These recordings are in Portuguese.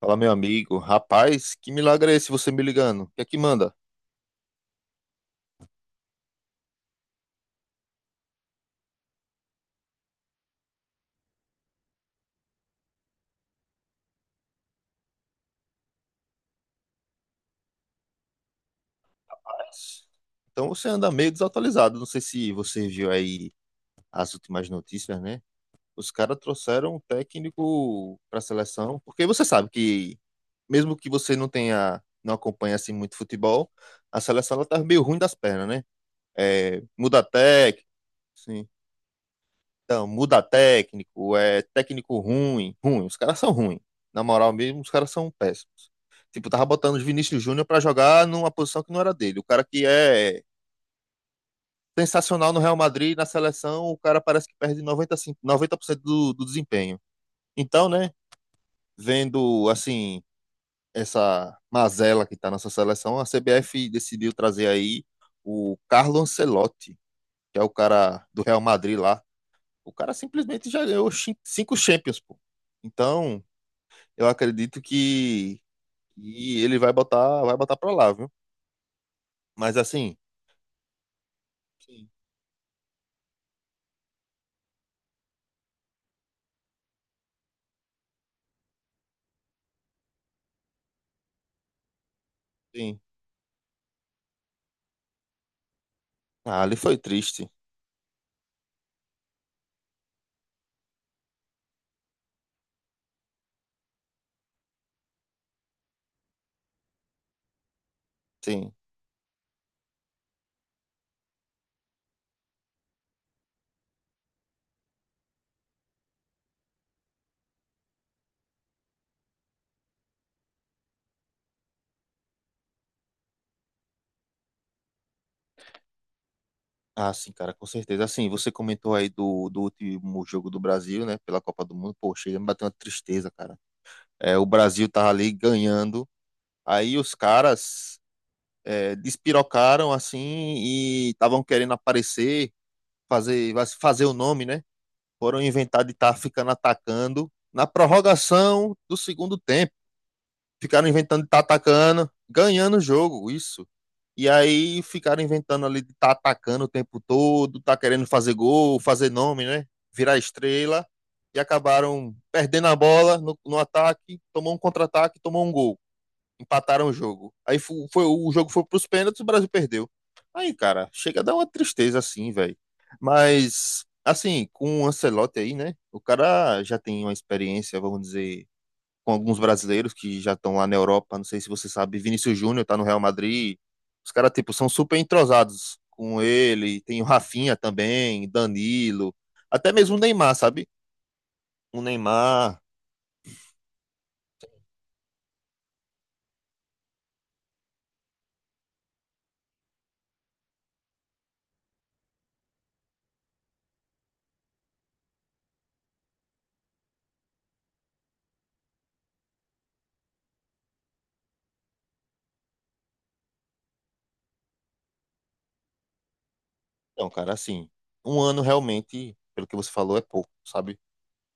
Fala, meu amigo. Rapaz, que milagre é esse você me ligando? O que é que manda? Rapaz, então você anda meio desatualizado. Não sei se você viu aí as últimas notícias, né? Os caras trouxeram um técnico para a seleção, porque você sabe que, mesmo que você não tenha, não acompanhe assim muito futebol, a seleção ela tá meio ruim das pernas, né? É, então, muda técnico, é técnico ruim, ruim, os caras são ruins. Na moral mesmo, os caras são péssimos. Tipo, tava botando o Vinícius Júnior pra jogar numa posição que não era dele. O cara que é sensacional no Real Madrid, na seleção, o cara parece que perde 90, 90% do desempenho. Então, né, vendo assim essa mazela que tá nessa seleção, a CBF decidiu trazer aí o Carlo Ancelotti, que é o cara do Real Madrid lá. O cara simplesmente já ganhou cinco Champions, pô. Então, eu acredito que, que ele vai botar pra lá, viu? Mas assim, sim, sim. Ah, ali foi triste. Sim. Ah, sim, cara, com certeza. Assim, você comentou aí do último jogo do Brasil, né? Pela Copa do Mundo. Pô, chega, me bateu uma tristeza, cara. É, o Brasil tava ali ganhando. Aí os caras despirocaram, assim, e estavam querendo aparecer, fazer, fazer o nome, né? Foram inventar de estar tá ficando atacando na prorrogação do segundo tempo. Ficaram inventando de estar tá atacando, ganhando o jogo, isso. E aí ficaram inventando ali de estar tá atacando o tempo todo, tá querendo fazer gol, fazer nome, né? Virar estrela. E acabaram perdendo a bola no ataque, tomou um contra-ataque, tomou um gol, empataram o jogo. Aí foi, o jogo foi pros pênaltis, e o Brasil perdeu. Aí, cara, chega a dar uma tristeza assim, velho. Mas, assim, com o Ancelotti aí, né? O cara já tem uma experiência, vamos dizer, com alguns brasileiros que já estão lá na Europa. Não sei se você sabe, Vinícius Júnior tá no Real Madrid. Os caras, tipo, são super entrosados com ele. Tem o Rafinha também, Danilo. Até mesmo o Neymar, sabe? O Neymar. Então, cara, assim, um ano realmente, pelo que você falou, é pouco, sabe?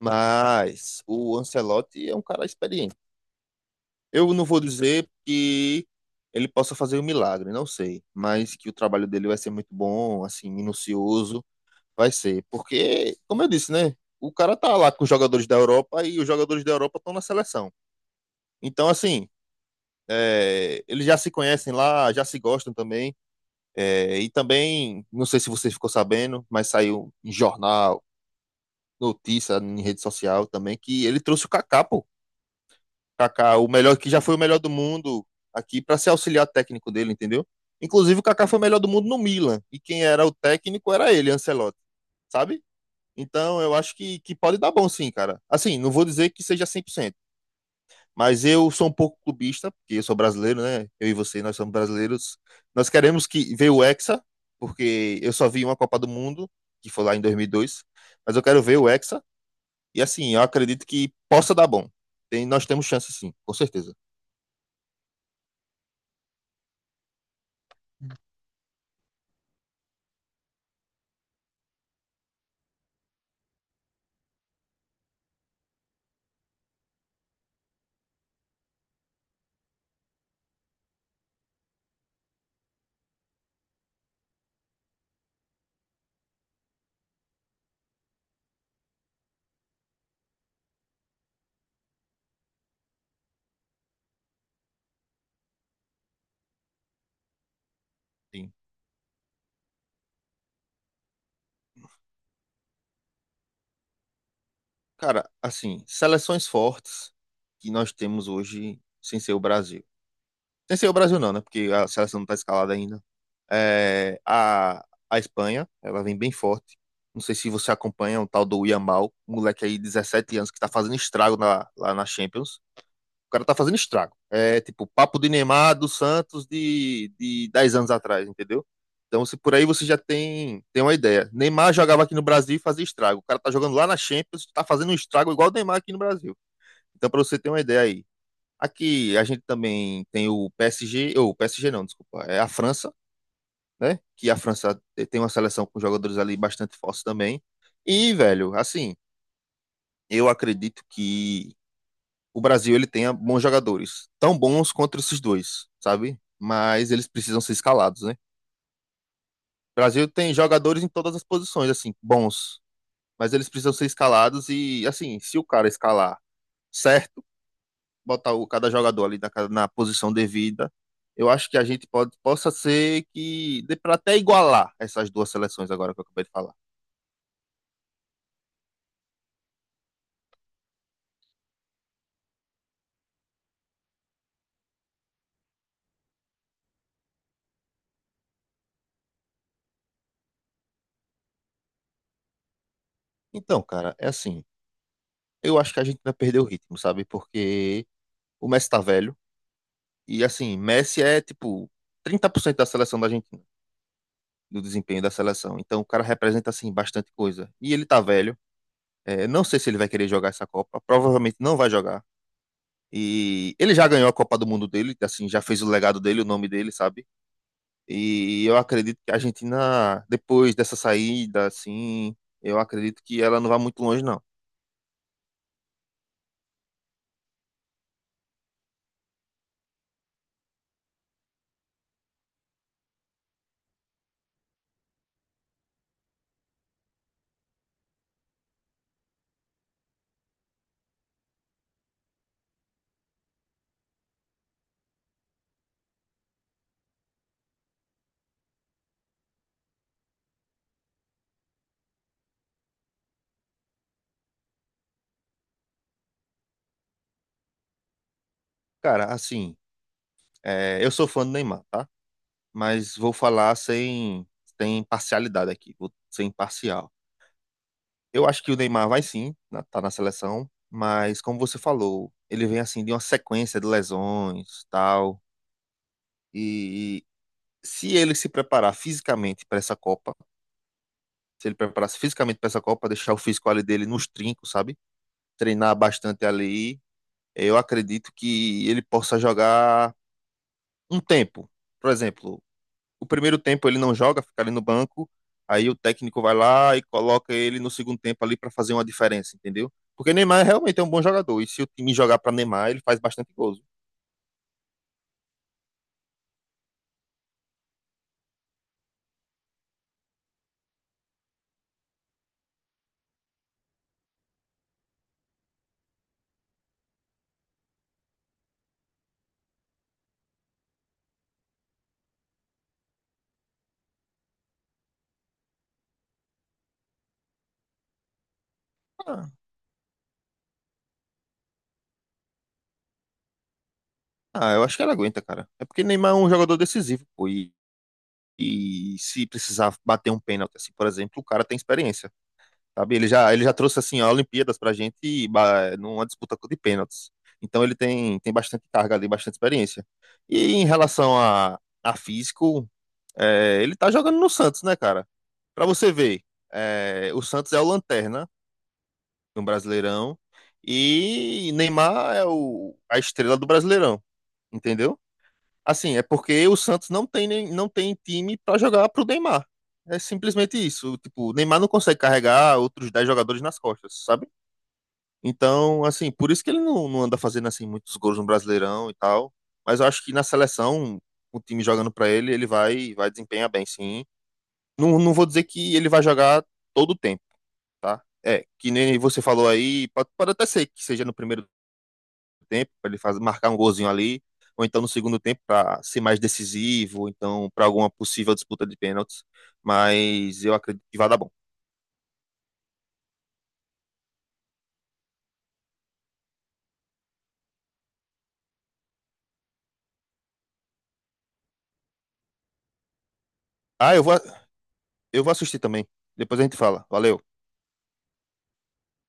Mas o Ancelotti é um cara experiente. Eu não vou dizer que ele possa fazer um milagre, não sei. Mas que o trabalho dele vai ser muito bom, assim, minucioso, vai ser. Porque, como eu disse, né? O cara tá lá com os jogadores da Europa e os jogadores da Europa estão na seleção. Então, assim, é, eles já se conhecem lá, já se gostam também. É, e também, não sei se você ficou sabendo, mas saiu em jornal, notícia, em rede social também, que ele trouxe o Kaká, pô. Kaká, o melhor que já foi o melhor do mundo, aqui para ser auxiliar técnico dele, entendeu? Inclusive o Kaká foi o melhor do mundo no Milan e quem era o técnico era ele, Ancelotti, sabe? Então eu acho que pode dar bom sim, cara. Assim, não vou dizer que seja 100%, mas eu sou um pouco clubista, porque eu sou brasileiro, né? Eu e você, nós somos brasileiros. Nós queremos que ver o Hexa, porque eu só vi uma Copa do Mundo, que foi lá em 2002, mas eu quero ver o Hexa e assim, eu acredito que possa dar bom. Tem, nós temos chance sim, com certeza. Sim. Cara, assim, seleções fortes que nós temos hoje sem ser o Brasil. Sem ser o Brasil não, né? Porque a seleção não tá escalada ainda. É, a Espanha, ela vem bem forte. Não sei se você acompanha o tal do Yamal, um moleque aí de 17 anos que tá fazendo estrago lá na Champions. O cara tá fazendo estrago. É tipo papo de Neymar do Santos de 10 anos atrás, entendeu? Então, se por aí você já tem, tem uma ideia. Neymar jogava aqui no Brasil e fazia estrago. O cara tá jogando lá na Champions, tá fazendo um estrago igual o Neymar aqui no Brasil. Então, para você ter uma ideia aí. Aqui a gente também tem o PSG, ou PSG não, desculpa, é a França, né? Que a França tem uma seleção com jogadores ali bastante fortes também. E, velho, assim, eu acredito que o Brasil ele tenha bons jogadores, tão bons quanto esses dois, sabe? Mas eles precisam ser escalados, né? O Brasil tem jogadores em todas as posições, assim, bons, mas eles precisam ser escalados e, assim, se o cara escalar certo, botar cada jogador ali na posição devida, eu acho que a gente pode, possa ser que dê para até igualar essas duas seleções agora que eu acabei de falar. Então, cara, é assim, eu acho que a gente vai perder o ritmo, sabe? Porque o Messi tá velho. E assim, Messi é tipo 30% da seleção da Argentina, do desempenho da seleção. Então o cara representa assim bastante coisa. E ele tá velho. É, não sei se ele vai querer jogar essa Copa. Provavelmente não vai jogar. E ele já ganhou a Copa do Mundo dele, assim, já fez o legado dele, o nome dele, sabe? E eu acredito que a Argentina, depois dessa saída, assim, eu acredito que ela não vai muito longe, não. Cara, assim, é, eu sou fã do Neymar, tá? Mas vou falar sem parcialidade aqui, vou ser imparcial. Eu acho que o Neymar vai sim, tá na seleção, mas como você falou, ele vem assim de uma sequência de lesões, tal, e, se ele se preparar fisicamente para essa Copa, se ele preparasse fisicamente para essa Copa, deixar o físico ali dele nos trincos, sabe? Treinar bastante ali, eu acredito que ele possa jogar um tempo. Por exemplo, o primeiro tempo ele não joga, fica ali no banco, aí o técnico vai lá e coloca ele no segundo tempo ali para fazer uma diferença, entendeu? Porque Neymar realmente é um bom jogador, e se o time jogar para Neymar, ele faz bastante gols. Ah, eu acho que ele aguenta, cara. É porque Neymar é um jogador decisivo, pô, e se precisar bater um pênalti, assim, por exemplo, o cara tem experiência. Sabe? Ele já trouxe assim a Olimpíadas pra gente e, numa disputa de pênaltis. Então ele tem bastante carga ali, bastante experiência. E em relação a físico, é, ele tá jogando no Santos, né, cara? Pra você ver, é, o Santos é o lanterna no Brasileirão e Neymar é o, a estrela do Brasileirão, entendeu? Assim, é porque o Santos não tem time para jogar pro Neymar. É simplesmente isso. Tipo, o Neymar não consegue carregar outros 10 jogadores nas costas, sabe? Então, assim, por isso que ele não anda fazendo assim muitos gols no Brasileirão e tal. Mas eu acho que na seleção, o time jogando para ele, ele vai desempenhar bem, sim. Não, não vou dizer que ele vai jogar todo o tempo, tá? É, que nem você falou aí, pode até ser que seja no primeiro tempo, para ele fazer, marcar um golzinho ali, ou então no segundo tempo para ser mais decisivo, ou então para alguma possível disputa de pênaltis. Mas eu acredito que vai dar bom. Ah, eu vou assistir também. Depois a gente fala. Valeu.